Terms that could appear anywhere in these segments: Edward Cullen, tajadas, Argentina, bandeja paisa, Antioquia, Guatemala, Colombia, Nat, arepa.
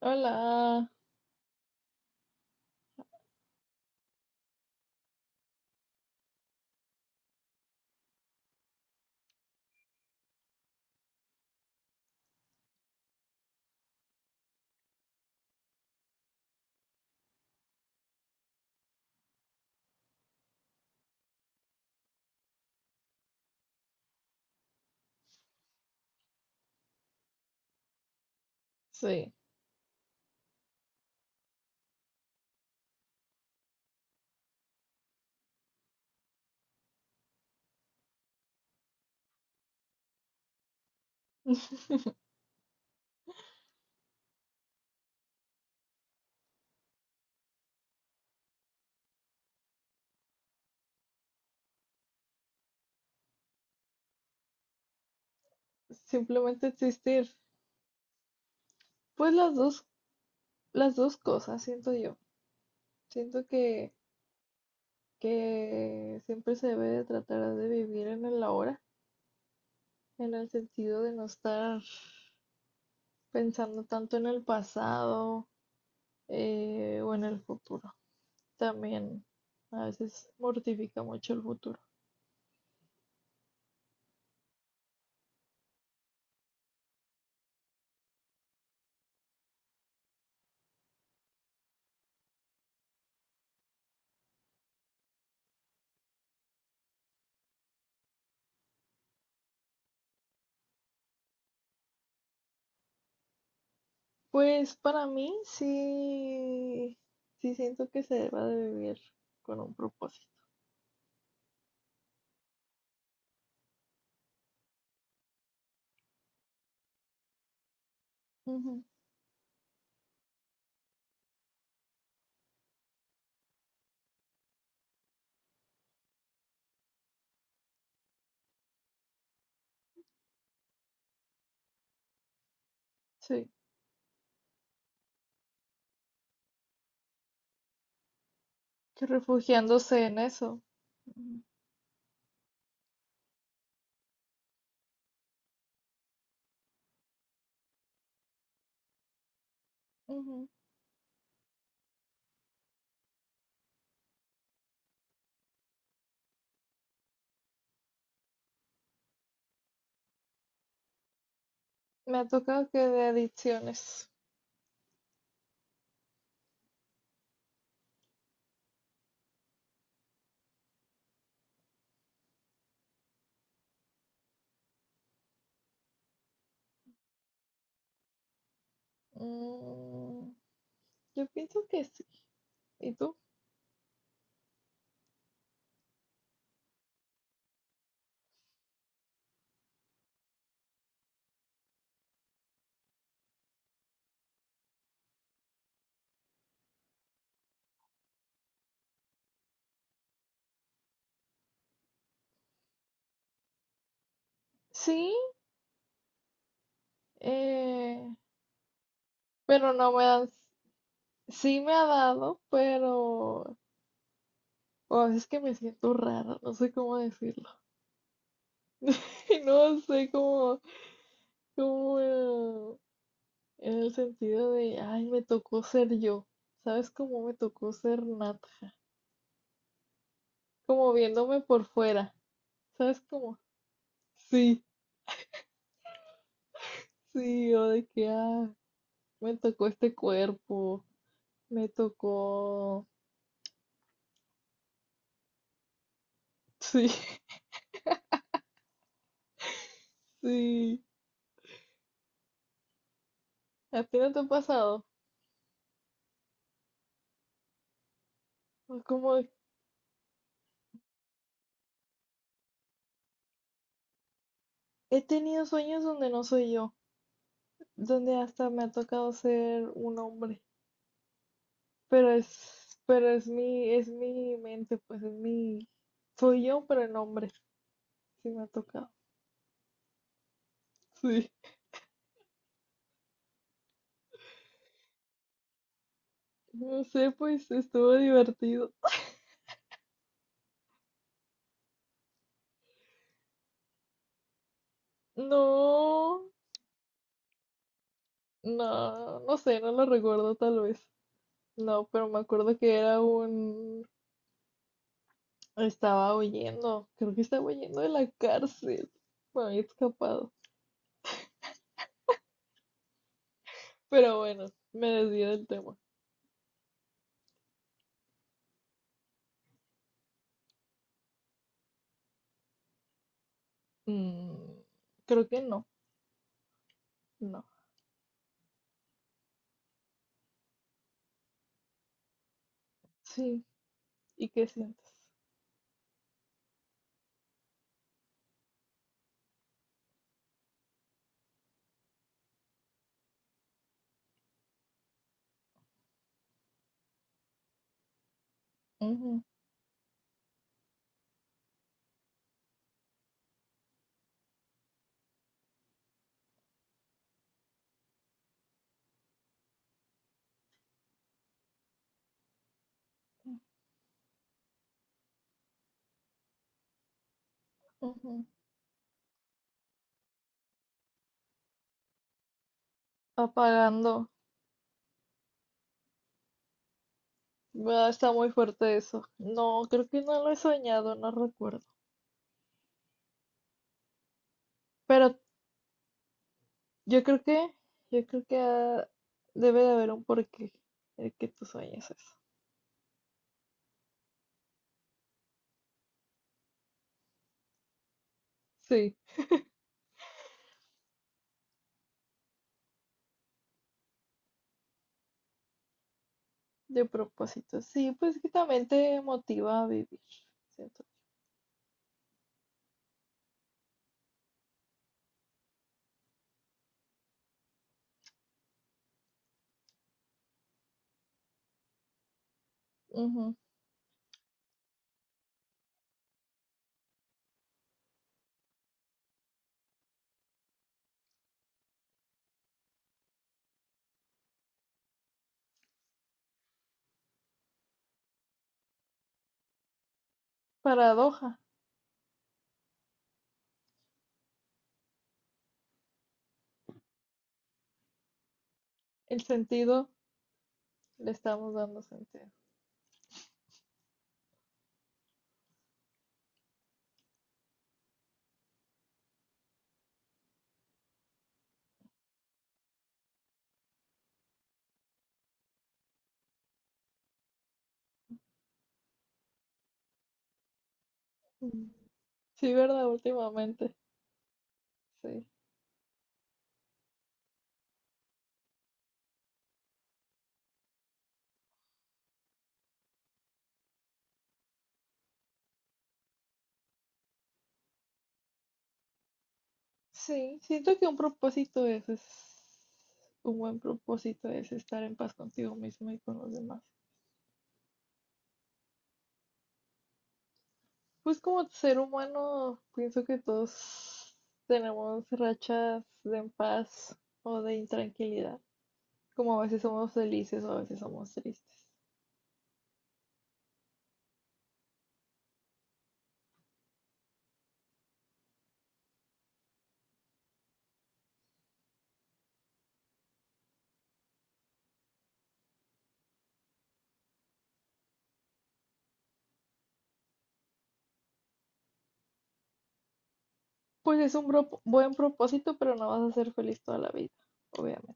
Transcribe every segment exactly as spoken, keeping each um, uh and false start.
Hola, sí, simplemente existir. Pues las dos, las dos cosas, siento yo. Siento que, que siempre se debe de tratar de vivir en el ahora, en el sentido de no estar pensando tanto en el pasado eh, o en el futuro. También a veces mortifica mucho el futuro. Pues para mí sí, sí siento que se debe de vivir con un propósito. Ujú. Sí. Refugiándose en eso. Ujú, ujú. Me ha tocado que de adicciones. Mm, yo pienso que sí. ¿Y tú? Sí, eh, pero no me dan. Sí me ha dado, pero a veces que me siento rara, no sé cómo decirlo. No sé cómo, cómo eh, en el sentido de, ay, me tocó ser yo. ¿Sabes cómo me tocó ser Nat? Como viéndome por fuera. ¿Sabes cómo? Sí. Sí, yo de que, ah, me tocó este cuerpo, me tocó. Sí, sí. ¿A ti no te ha pasado? Es como he tenido sueños donde no soy yo, donde hasta me ha tocado ser un hombre, pero es, pero es mi, es mi mente, pues es mi, soy yo, pero en hombre, sí me ha tocado. Sí, no sé, pues estuvo divertido. No, no, no sé, no lo recuerdo tal vez. No, pero me acuerdo que era un... Estaba huyendo, creo que estaba huyendo de la cárcel. Me había escapado. Pero bueno, me desvié del tema. Mm, creo que no, no. Sí, ¿y qué sientes? Ujú, ujú. Apagando. Ah, está muy fuerte eso. No, creo que no lo he soñado, no recuerdo. Pero yo creo que, yo creo que ah, debe de haber un porqué el que tú sueñes eso. Sí. De propósito, sí, pues que también te motiva a vivir, cierto. Ujú. Paradoja, el sentido, le estamos dando sentido. Mm. Sí, ¿verdad? Últimamente, sí. Sí, siento que un propósito es, es- un buen propósito es estar en paz contigo mismo y con los demás. Pues como ser humano, pienso que todos tenemos rachas de en paz o de intranquilidad, como a veces somos felices o a veces somos tristes. Pues es un bro- buen propósito, pero no vas a ser feliz toda la vida, obviamente.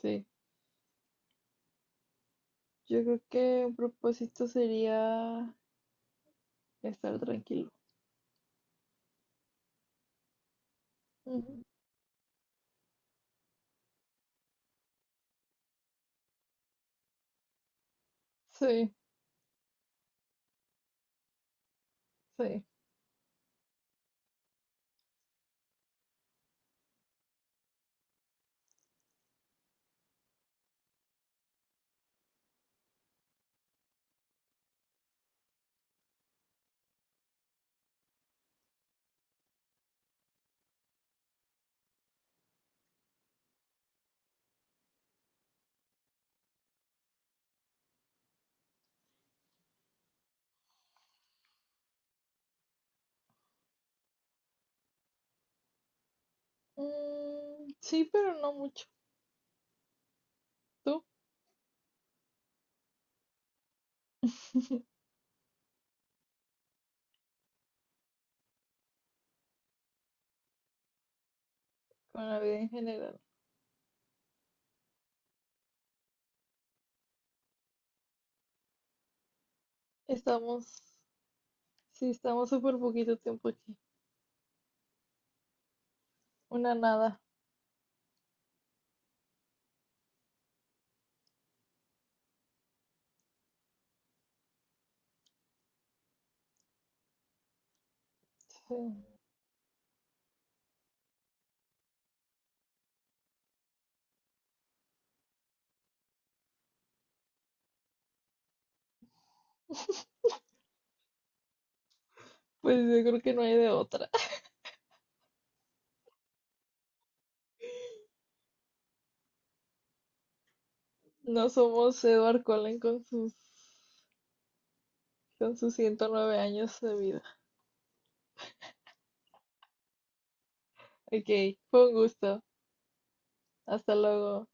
Sí, yo creo que un propósito sería estar tranquilo. Ujú. Sí, sí. Mm, sí, pero no mucho. ¿Tú? Con la vida en general. Estamos, sí, estamos súper poquito tiempo aquí. Una nada. Sí. Pues yo creo que no hay de otra. No somos Edward Cullen con sus, con sus ciento nueve años de vida. Ok, fue un gusto. Hasta luego.